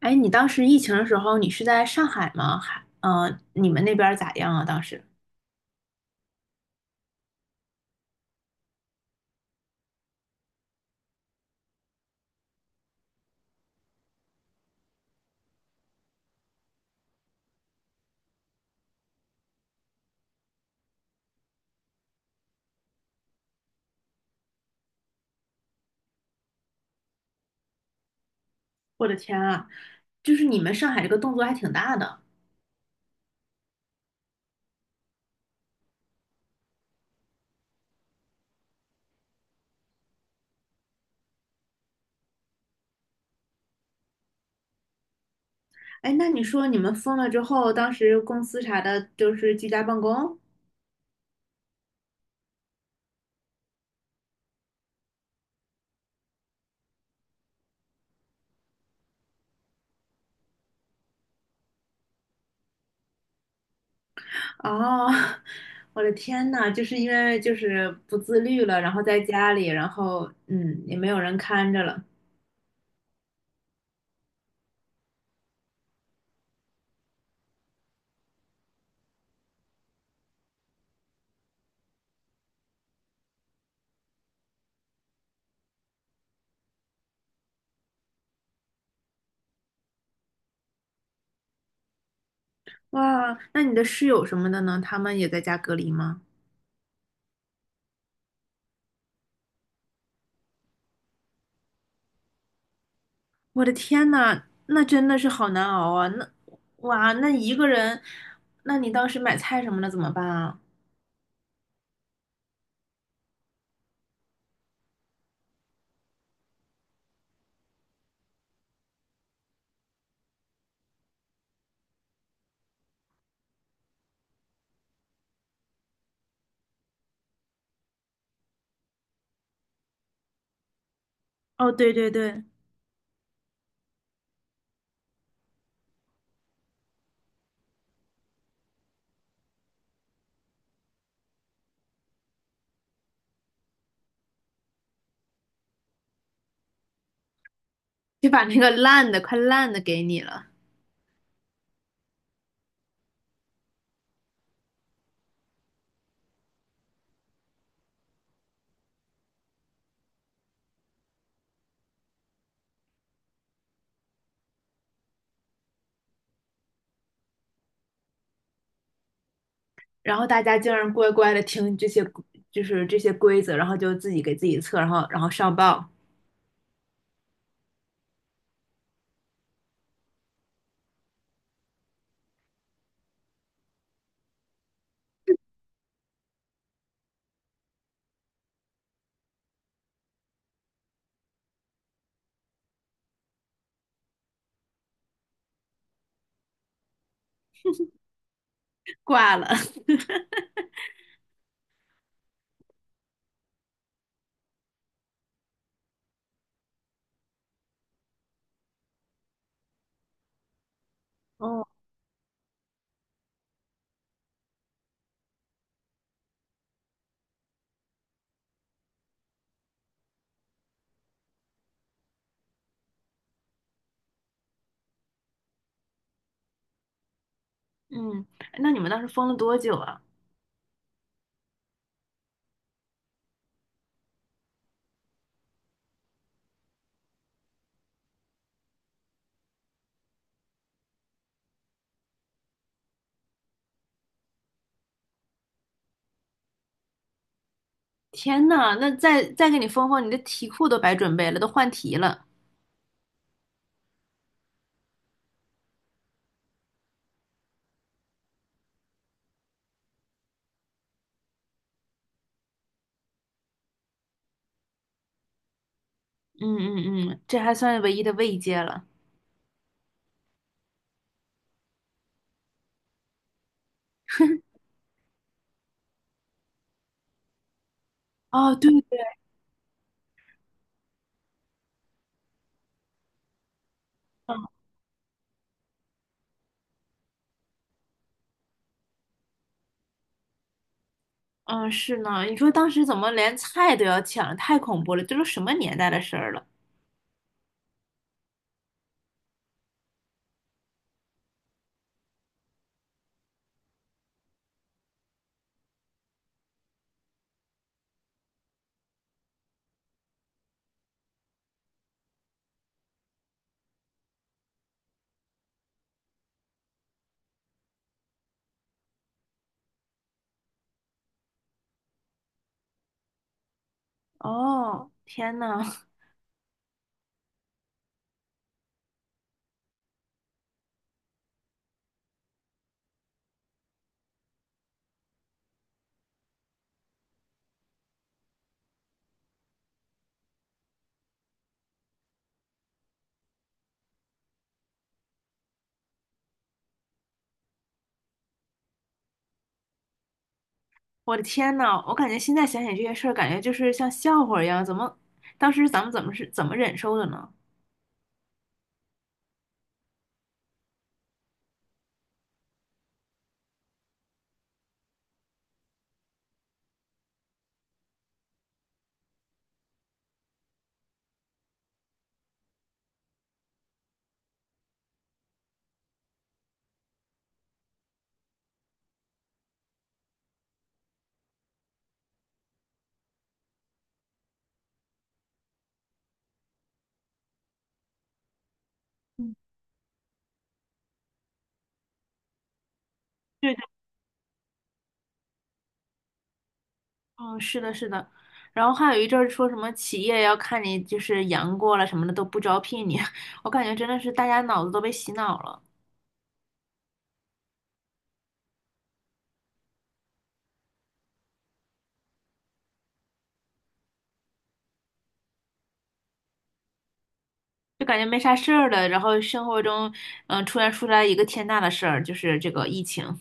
哎，你当时疫情的时候，你是在上海吗？还，你们那边儿咋样啊？当时，我的天啊，就是你们上海这个动作还挺大的。哎，那你说你们封了之后，当时公司啥的，就是居家办公？哦，我的天呐，就是因为就是不自律了，然后在家里，然后，也没有人看着了。哇，那你的室友什么的呢？他们也在家隔离吗？我的天呐，那真的是好难熬啊！那哇，那一个人，那你当时买菜什么的怎么办啊？哦，对对对，就把那个烂的快烂的给你了，然后大家竟然乖乖的听这些就是这些规则，然后就自己给自己测，然后上报挂了。哦，嗯，那你们当时封了多久啊？天呐，那再给你封封，你的题库都白准备了，都换题了。嗯嗯嗯，这还算唯一的慰藉了。哦，对对。嗯嗯，是呢，你说当时怎么连菜都要抢，太恐怖了，这都什么年代的事儿了？哦，天呐，我的天呐，我感觉现在想想这些事儿，感觉就是像笑话一样，怎么当时咱们怎么忍受的呢？嗯，对的，嗯，是的，是的。然后还有一阵儿说什么企业要看你就是阳过了什么的都不招聘你，我感觉真的是大家脑子都被洗脑了，就感觉没啥事儿了，然后生活中突然出来一个天大的事儿，就是这个疫情。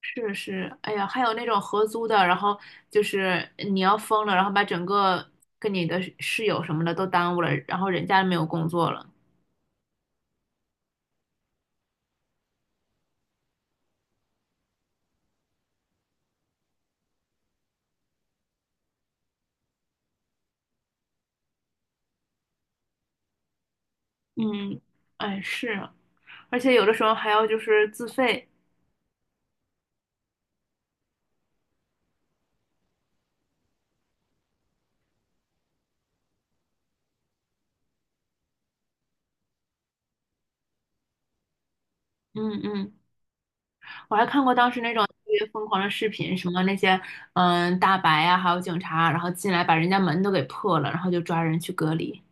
是是，哎呀，还有那种合租的，然后就是你要疯了，然后把整个跟你的室友什么的都耽误了，然后人家没有工作了。嗯，哎是，而且有的时候还要就是自费。嗯嗯，我还看过当时那种特别疯狂的视频，什么那些大白啊，还有警察，然后进来把人家门都给破了，然后就抓人去隔离。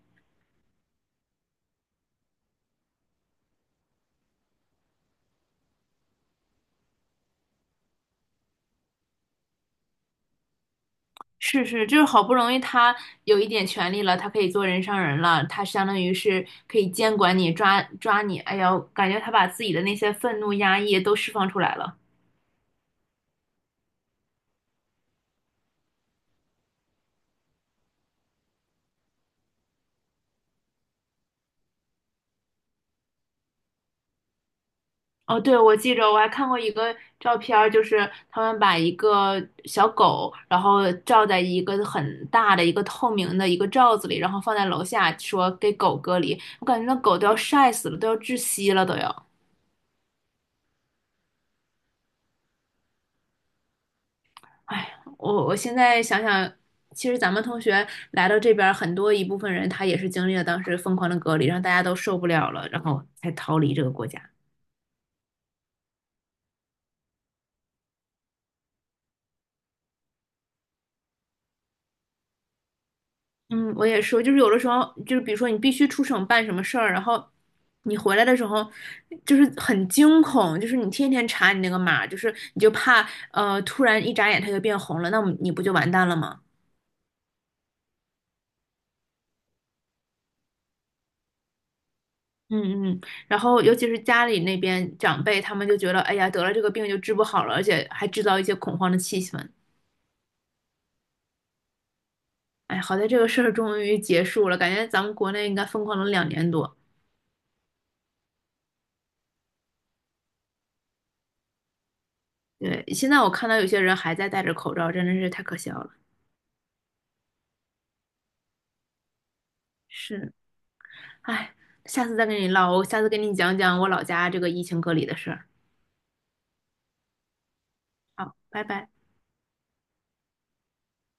是是，就是好不容易他有一点权利了，他可以做人上人了，他相当于是可以监管你、抓抓你。哎呀，感觉他把自己的那些愤怒、压抑都释放出来了。哦，对，我记着我还看过一个照片儿，就是他们把一个小狗，然后罩在一个很大的一个透明的一个罩子里，然后放在楼下，说给狗隔离。我感觉那狗都要晒死了，都要窒息了，都要。哎呀我现在想想，其实咱们同学来到这边儿，很多一部分人他也是经历了当时疯狂的隔离，让大家都受不了了，然后才逃离这个国家。嗯，我也说，就是有的时候，就是比如说你必须出省办什么事儿，然后你回来的时候，就是很惊恐，就是你天天查你那个码，就是你就怕突然一眨眼它就变红了，那我们你不就完蛋了吗？嗯嗯，然后尤其是家里那边长辈，他们就觉得，哎呀，得了这个病就治不好了，而且还制造一些恐慌的气氛。哎，好在这个事儿终于结束了，感觉咱们国内应该疯狂了2年多。对，现在我看到有些人还在戴着口罩，真的是太可笑了。是，哎，下次再跟你唠，我下次跟你讲讲我老家这个疫情隔离的事儿。好，拜拜。